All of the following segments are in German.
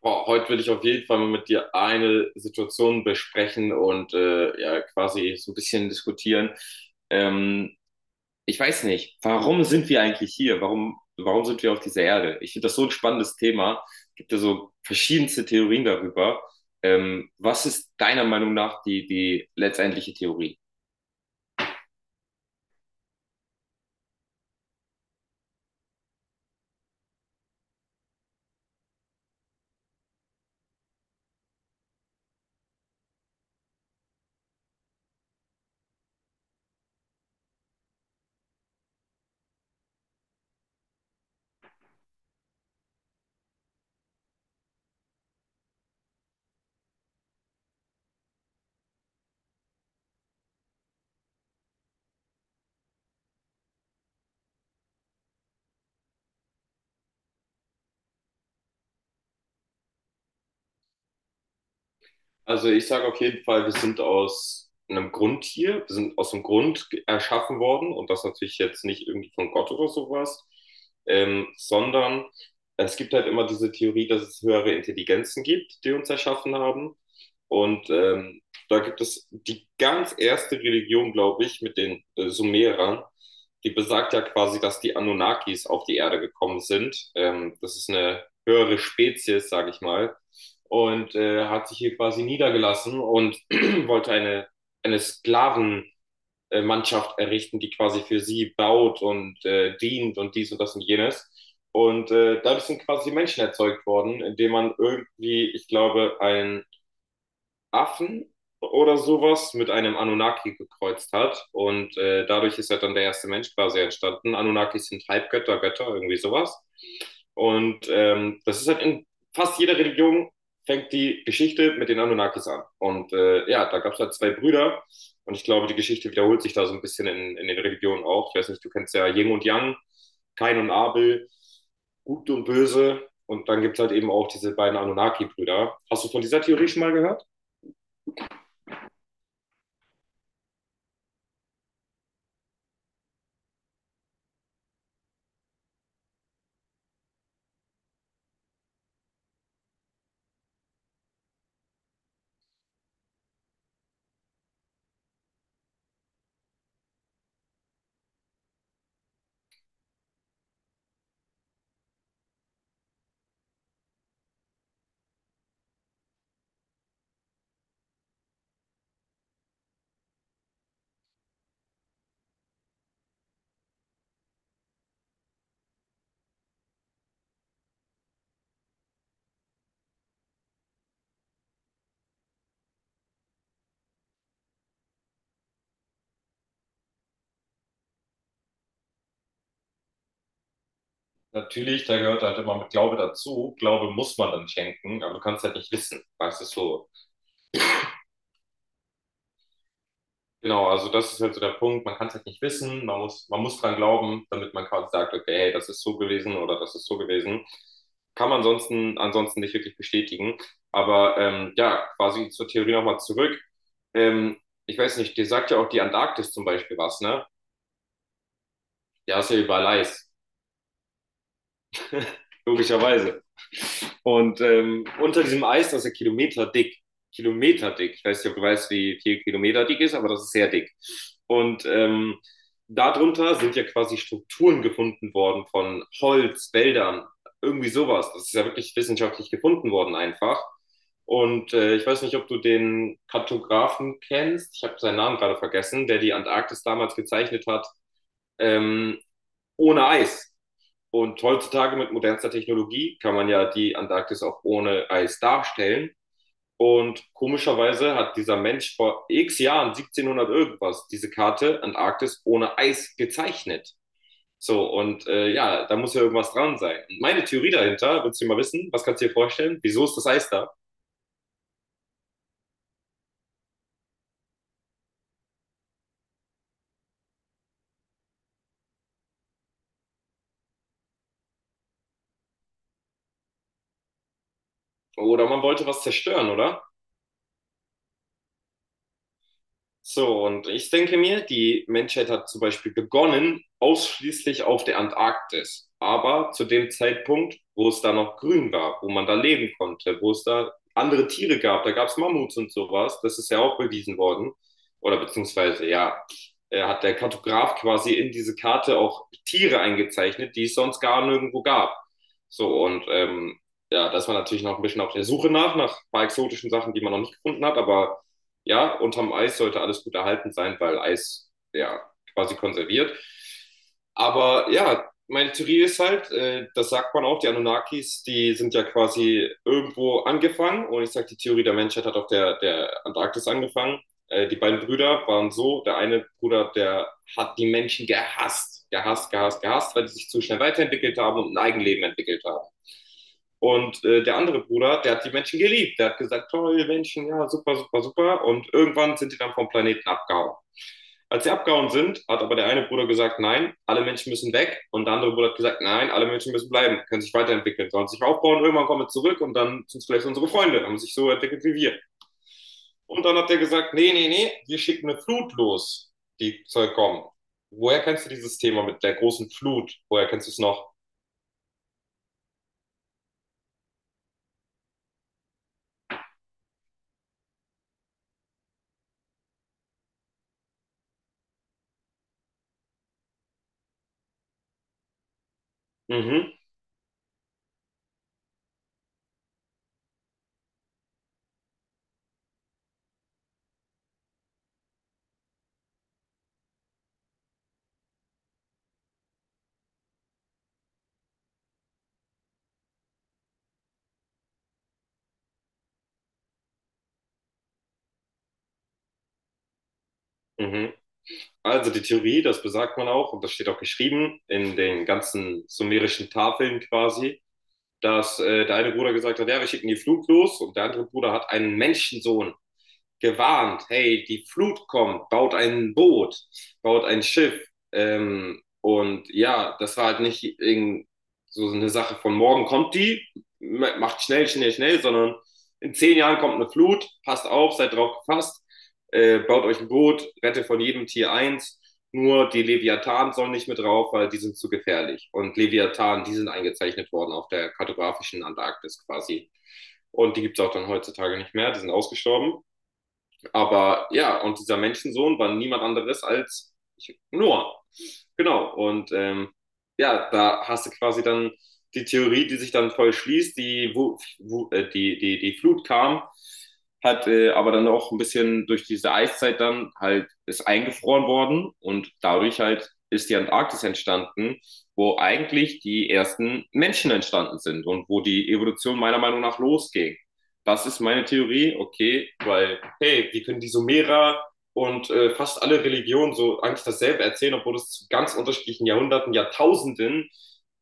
Boah, heute will ich auf jeden Fall mal mit dir eine Situation besprechen und ja, quasi so ein bisschen diskutieren. Ähm, Ich weiß nicht, warum sind wir eigentlich hier? Warum sind wir auf dieser Erde? Ich finde das so ein spannendes Thema. Es gibt ja so verschiedenste Theorien darüber. Was ist deiner Meinung nach die letztendliche Theorie? Also ich sage auf jeden Fall, wir sind aus einem Grund hier, wir sind aus dem Grund erschaffen worden und das natürlich jetzt nicht irgendwie von Gott oder sowas, sondern es gibt halt immer diese Theorie, dass es höhere Intelligenzen gibt, die uns erschaffen haben. Und da gibt es die ganz erste Religion, glaube ich, mit den Sumerern, die besagt ja quasi, dass die Anunnakis auf die Erde gekommen sind. Das ist eine höhere Spezies, sage ich mal, und hat sich hier quasi niedergelassen und wollte eine Sklavenmannschaft errichten, die quasi für sie baut und dient und dies und das und jenes. Und dadurch sind quasi Menschen erzeugt worden, indem man irgendwie, ich glaube, ein Affen oder sowas mit einem Anunnaki gekreuzt hat. Und dadurch ist halt dann der erste Mensch quasi entstanden. Anunnakis sind Halbgötter, Götter, irgendwie sowas. Und das ist halt in fast jeder Religion fängt die Geschichte mit den Anunnakis an. Und ja, da gab es halt zwei Brüder. Und ich glaube, die Geschichte wiederholt sich da so ein bisschen in den Religionen auch. Ich weiß nicht, du kennst ja Yin und Yang, Kain und Abel, Gut und Böse. Und dann gibt es halt eben auch diese beiden Anunnaki-Brüder. Hast du von dieser Theorie schon mal gehört? Natürlich, da gehört halt immer mit Glaube dazu. Glaube muss man dann schenken, aber du kannst halt nicht wissen, weißt du so. Genau, also das ist halt so der Punkt. Man kann es halt nicht wissen. Man muss dran glauben, damit man quasi sagt, okay, hey, das ist so gewesen oder das ist so gewesen. Kann man ansonsten nicht wirklich bestätigen. Aber ja, quasi zur Theorie nochmal zurück. Ähm, Ich weiß nicht, dir sagt ja auch die Antarktis zum Beispiel was, ne? Ja, ist ja überall Eis. Logischerweise. Und unter diesem Eis, das ist ja kilometerdick. Kilometerdick. Ich weiß nicht, ob du weißt, wie viel Kilometer dick ist, aber das ist sehr dick. Und darunter sind ja quasi Strukturen gefunden worden von Holz, Wäldern, irgendwie sowas. Das ist ja wirklich wissenschaftlich gefunden worden einfach. Und ich weiß nicht, ob du den Kartografen kennst. Ich habe seinen Namen gerade vergessen, der die Antarktis damals gezeichnet hat, ähm, ohne Eis. Und heutzutage mit modernster Technologie kann man ja die Antarktis auch ohne Eis darstellen. Und komischerweise hat dieser Mensch vor x Jahren, 1700 irgendwas, diese Karte Antarktis ohne Eis gezeichnet. So, und ja, da muss ja irgendwas dran sein. Und meine Theorie dahinter, willst du mal wissen, was kannst du dir vorstellen? Wieso ist das Eis da? Oder man wollte was zerstören, oder? So, und ich denke mir, die Menschheit hat zum Beispiel begonnen ausschließlich auf der Antarktis, aber zu dem Zeitpunkt, wo es da noch grün war, wo man da leben konnte, wo es da andere Tiere gab, da gab es Mammuts und sowas, das ist ja auch bewiesen worden, oder beziehungsweise, ja, hat der Kartograf quasi in diese Karte auch Tiere eingezeichnet, die es sonst gar nirgendwo gab. So, und ja, das war natürlich noch ein bisschen auf der Suche nach ein paar exotischen Sachen, die man noch nicht gefunden hat, aber ja, unterm Eis sollte alles gut erhalten sein, weil Eis ja quasi konserviert. Aber ja, meine Theorie ist halt, das sagt man auch, die Anunnakis, die sind ja quasi irgendwo angefangen. Und ich sage, die Theorie der Menschheit hat auf der Antarktis angefangen. Die beiden Brüder waren so, der eine Bruder, der hat die Menschen gehasst, gehasst, gehasst, gehasst, weil die sich zu schnell weiterentwickelt haben und ein Eigenleben entwickelt haben. Und der andere Bruder, der hat die Menschen geliebt. Der hat gesagt, toll, Menschen, ja, super, super, super. Und irgendwann sind die dann vom Planeten abgehauen. Als sie abgehauen sind, hat aber der eine Bruder gesagt, nein, alle Menschen müssen weg. Und der andere Bruder hat gesagt, nein, alle Menschen müssen bleiben, können sich weiterentwickeln, sollen sich aufbauen, irgendwann kommen wir zurück und dann sind es vielleicht unsere Freunde, haben sich so entwickelt wie wir. Und dann hat er gesagt, nee, nee, nee, wir schicken eine Flut los, die soll kommen. Woher kennst du dieses Thema mit der großen Flut? Woher kennst du es noch? Mhm, mhm. Also die Theorie, das besagt man auch, und das steht auch geschrieben in den ganzen sumerischen Tafeln quasi, dass der eine Bruder gesagt hat, ja, wir schicken die Flut los und der andere Bruder hat einen Menschensohn gewarnt, hey, die Flut kommt, baut ein Boot, baut ein Schiff. Und ja, das war halt nicht so eine Sache von morgen kommt die, macht schnell, schnell, schnell, sondern in 10 Jahren kommt eine Flut, passt auf, seid drauf gefasst, baut euch ein Boot, rette von jedem Tier eins. Nur die Leviathan sollen nicht mit drauf, weil die sind zu gefährlich. Und Leviathan, die sind eingezeichnet worden auf der kartografischen Antarktis quasi. Und die gibt es auch dann heutzutage nicht mehr, die sind ausgestorben, aber ja, und dieser Menschensohn war niemand anderes als Noah. Genau. Und ja, da hast du quasi dann die Theorie, die sich dann voll schließt, die, wo, wo, die, die, die Flut kam, hat aber dann auch ein bisschen durch diese Eiszeit dann halt ist eingefroren worden und dadurch halt ist die Antarktis entstanden, wo eigentlich die ersten Menschen entstanden sind und wo die Evolution meiner Meinung nach losging. Das ist meine Theorie, okay, weil, hey, wie können die Sumerer und fast alle Religionen so eigentlich dasselbe erzählen, obwohl es zu ganz unterschiedlichen Jahrhunderten, Jahrtausenden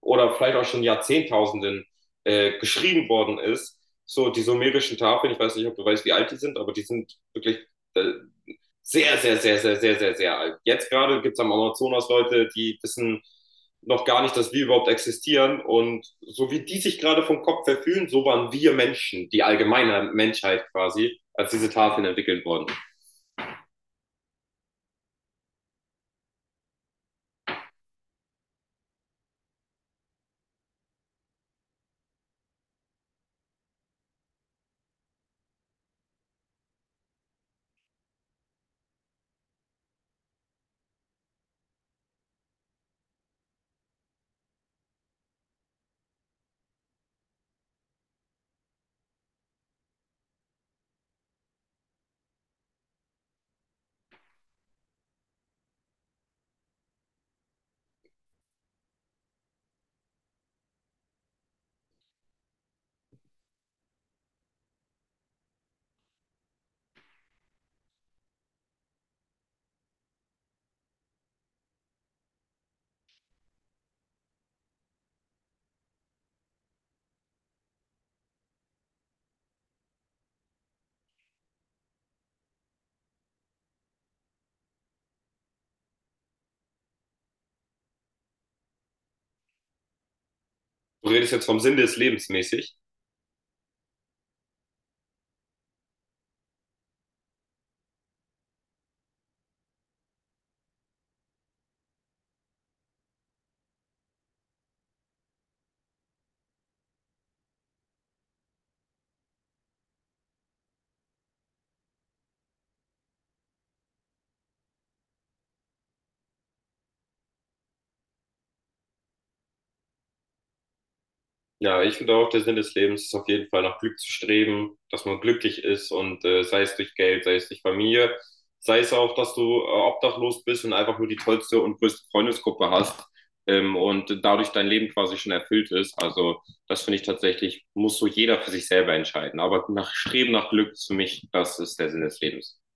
oder vielleicht auch schon Jahrzehntausenden geschrieben worden ist. So, die sumerischen Tafeln, ich weiß nicht, ob du weißt, wie alt die sind, aber die sind wirklich äh, sehr, sehr, sehr, sehr, sehr, sehr, sehr alt. Jetzt gerade gibt es am Amazonas Leute, die wissen noch gar nicht, dass wir überhaupt existieren. Und so wie die sich gerade vom Kopf verfühlen, so waren wir Menschen, die allgemeine Menschheit quasi, als diese Tafeln entwickelt wurden. Du redest jetzt vom Sinn des Lebens mäßig. Ja, ich finde auch, der Sinn des Lebens ist auf jeden Fall nach Glück zu streben, dass man glücklich ist und sei es durch Geld, sei es durch Familie, sei es auch, dass du obdachlos bist und einfach nur die tollste und größte Freundesgruppe hast, und dadurch dein Leben quasi schon erfüllt ist. Also das finde ich tatsächlich, muss so jeder für sich selber entscheiden. Aber nach Streben nach Glück ist für mich, das ist der Sinn des Lebens.